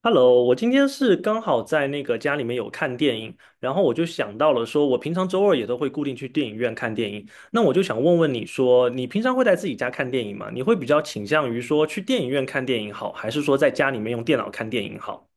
Hello，我今天是刚好在那个家里面有看电影，然后我就想到了说，我平常周二也都会固定去电影院看电影。那我就想问问你说，你平常会在自己家看电影吗？你会比较倾向于说去电影院看电影好，还是说在家里面用电脑看电影好？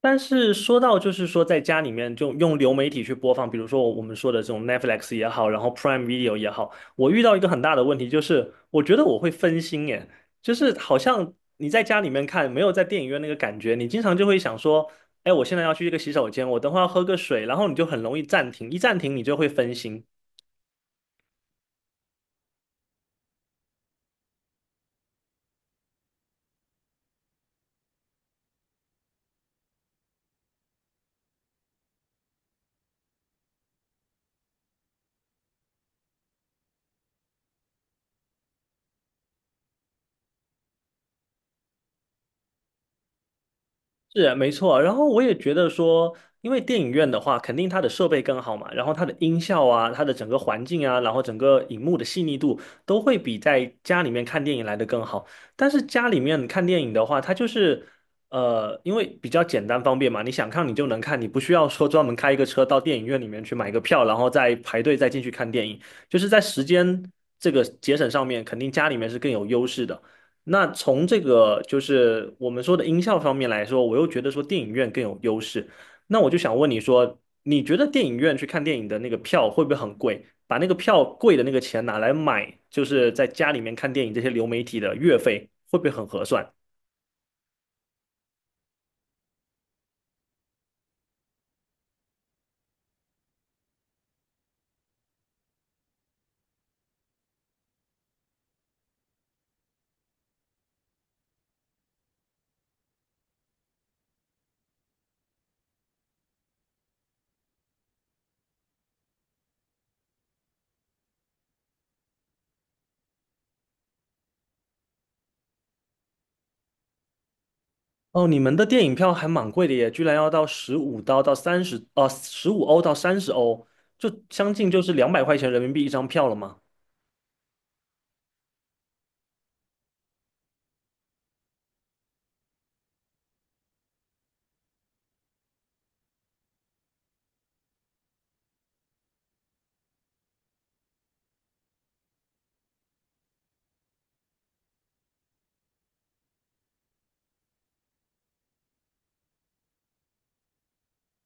但是说到就是说，在家里面就用流媒体去播放，比如说我们说的这种 Netflix 也好，然后 Prime Video 也好，我遇到一个很大的问题，就是我觉得我会分心耶，就是好像你在家里面看，没有在电影院那个感觉，你经常就会想说，哎，我现在要去一个洗手间，我等会儿要喝个水，然后你就很容易暂停，一暂停你就会分心。是没错，然后我也觉得说，因为电影院的话，肯定它的设备更好嘛，然后它的音效啊，它的整个环境啊，然后整个荧幕的细腻度都会比在家里面看电影来的更好。但是家里面看电影的话，它就是因为比较简单方便嘛，你想看你就能看，你不需要说专门开一个车到电影院里面去买个票，然后再排队再进去看电影，就是在时间这个节省上面，肯定家里面是更有优势的。那从这个就是我们说的音效方面来说，我又觉得说电影院更有优势。那我就想问你说，你觉得电影院去看电影的那个票会不会很贵？把那个票贵的那个钱拿来买，就是在家里面看电影这些流媒体的月费，会不会很合算？哦，你们的电影票还蛮贵的耶，居然要到15刀到30，15欧到30欧，就将近就是200块钱人民币一张票了吗？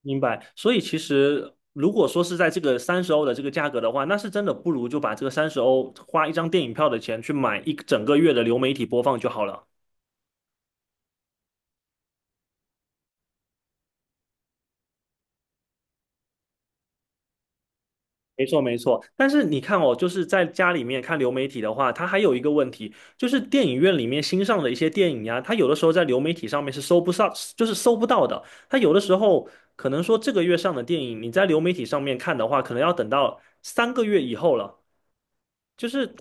明白，所以其实如果说是在这个三十欧的这个价格的话，那是真的不如就把这个三十欧花一张电影票的钱去买一整个月的流媒体播放就好了。没错，没错。但是你看哦，就是在家里面看流媒体的话，它还有一个问题，就是电影院里面新上的一些电影呀，它有的时候在流媒体上面是搜不上，就是搜不到的。它有的时候可能说这个月上的电影，你在流媒体上面看的话，可能要等到三个月以后了。就是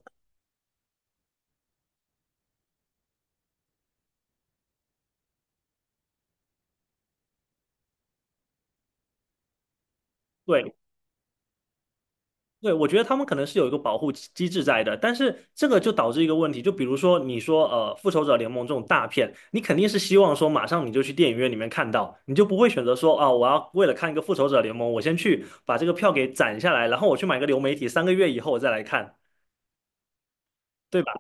对，对，我觉得他们可能是有一个保护机制在的，但是这个就导致一个问题，就比如说你说《复仇者联盟》这种大片，你肯定是希望说马上你就去电影院里面看到，你就不会选择说啊我要为了看一个《复仇者联盟》，我先去把这个票给攒下来，然后我去买个流媒体，三个月以后我再来看。对吧？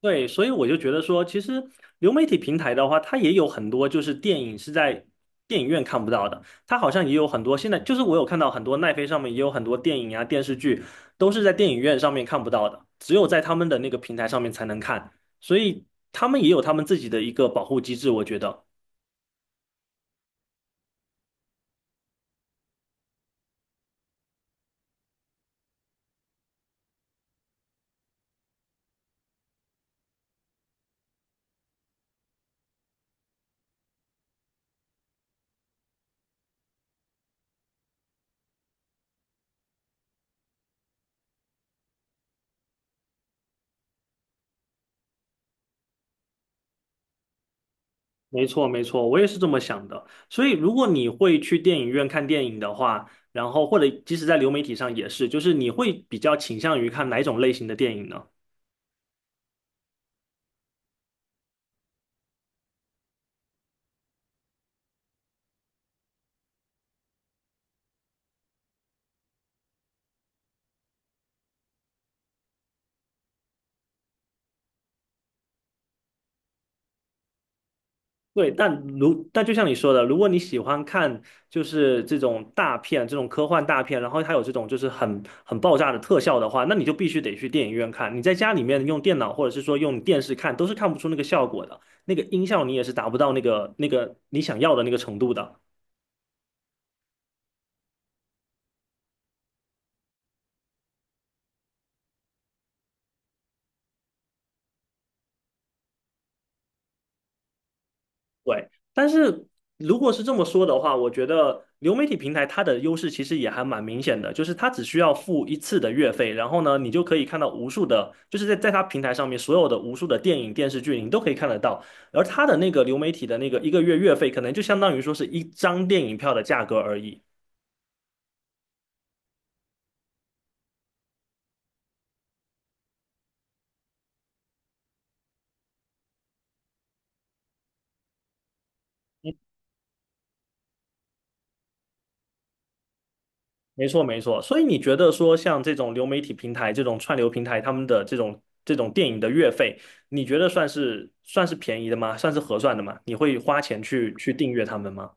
对，所以我就觉得说，其实流媒体平台的话，它也有很多就是电影是在电影院看不到的，它好像也有很多现在就是我有看到很多奈飞上面也有很多电影啊电视剧都是在电影院上面看不到的，只有在他们的那个平台上面才能看，所以他们也有他们自己的一个保护机制，我觉得。没错，没错，我也是这么想的。所以如果你会去电影院看电影的话，然后或者即使在流媒体上也是，就是你会比较倾向于看哪种类型的电影呢？对，但就像你说的，如果你喜欢看就是这种大片、这种科幻大片，然后它有这种就是很爆炸的特效的话，那你就必须得去电影院看。你在家里面用电脑或者是说用电视看，都是看不出那个效果的，那个音效你也是达不到那个你想要的那个程度的。对，但是如果是这么说的话，我觉得流媒体平台它的优势其实也还蛮明显的，就是它只需要付一次的月费，然后呢，你就可以看到无数的，就是在它平台上面所有的无数的电影、电视剧，你都可以看得到。而它的那个流媒体的那个1个月月费，可能就相当于说是一张电影票的价格而已。没错，没错。所以你觉得说，像这种流媒体平台、这种串流平台，他们的这种电影的月费，你觉得算是便宜的吗？算是合算的吗？你会花钱去订阅他们吗？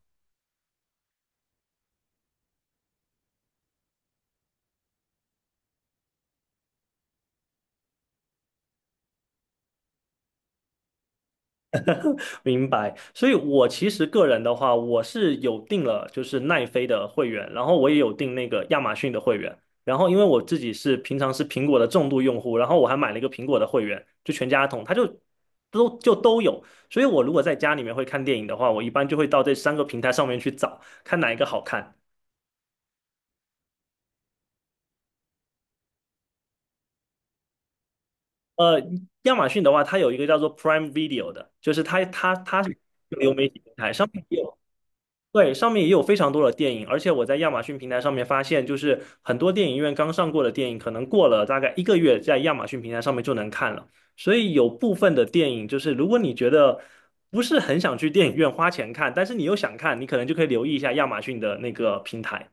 明白，所以我其实个人的话，我是有订了就是奈飞的会员，然后我也有订那个亚马逊的会员，然后因为我自己是平常是苹果的重度用户，然后我还买了一个苹果的会员，就全家桶，它就都有，所以我如果在家里面会看电影的话，我一般就会到这3个平台上面去找，看哪一个好看。呃，亚马逊的话，它有一个叫做 Prime Video 的，就是它是流媒体平台，上面也有。对，上面也有非常多的电影，而且我在亚马逊平台上面发现，就是很多电影院刚上过的电影，可能过了大概一个月，在亚马逊平台上面就能看了。所以有部分的电影，就是如果你觉得不是很想去电影院花钱看，但是你又想看，你可能就可以留意一下亚马逊的那个平台。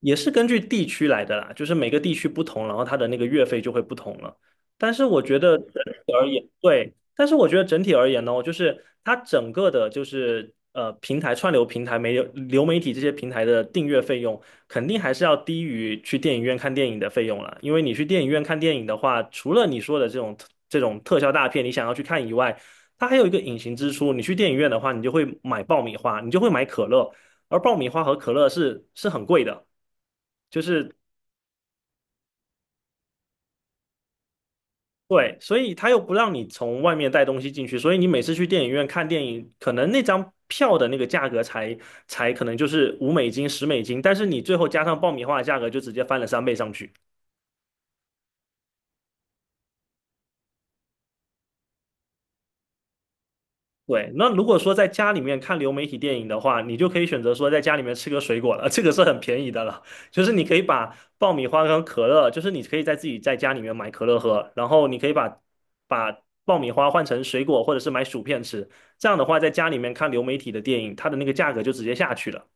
也是根据地区来的啦，就是每个地区不同，然后它的那个月费就会不同了。但是我觉得整体而言，对，但是我觉得整体而言呢，就是它整个的，就是平台串流平台、流媒体这些平台的订阅费用，肯定还是要低于去电影院看电影的费用了。因为你去电影院看电影的话，除了你说的这种特效大片，你想要去看以外，它还有一个隐形支出。你去电影院的话，你就会买爆米花，你就会买可乐，而爆米花和可乐是很贵的。就是对，所以他又不让你从外面带东西进去，所以你每次去电影院看电影，可能那张票的那个价格才可能就是5美金、10美金，但是你最后加上爆米花的价格就直接翻了3倍上去。对，那如果说在家里面看流媒体电影的话，你就可以选择说在家里面吃个水果了，这个是很便宜的了。就是你可以把爆米花跟可乐，就是你可以在自己在家里面买可乐喝，然后你可以把爆米花换成水果或者是买薯片吃。这样的话，在家里面看流媒体的电影，它的那个价格就直接下去了，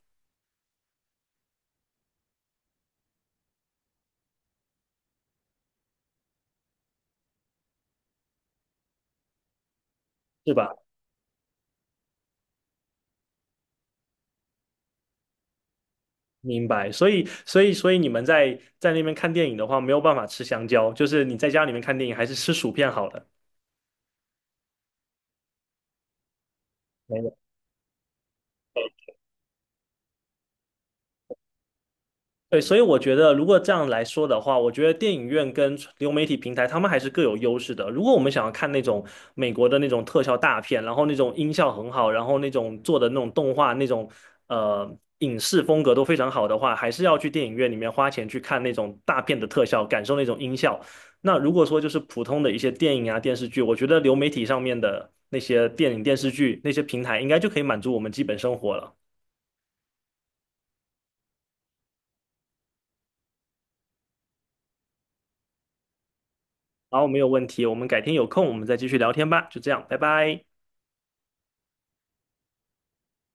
是吧？明白。所以你们在那边看电影的话，没有办法吃香蕉，就是你在家里面看电影还是吃薯片好没了。没对，所以我觉得，如果这样来说的话，我觉得电影院跟流媒体平台，他们还是各有优势的。如果我们想要看那种美国的那种特效大片，然后那种音效很好，然后那种做的那种动画那种呃影视风格都非常好的话，还是要去电影院里面花钱去看那种大片的特效，感受那种音效。那如果说就是普通的一些电影啊电视剧，我觉得流媒体上面的那些电影电视剧那些平台，应该就可以满足我们基本生活了。好，没有问题，我们改天有空我们再继续聊天吧，就这样，拜拜。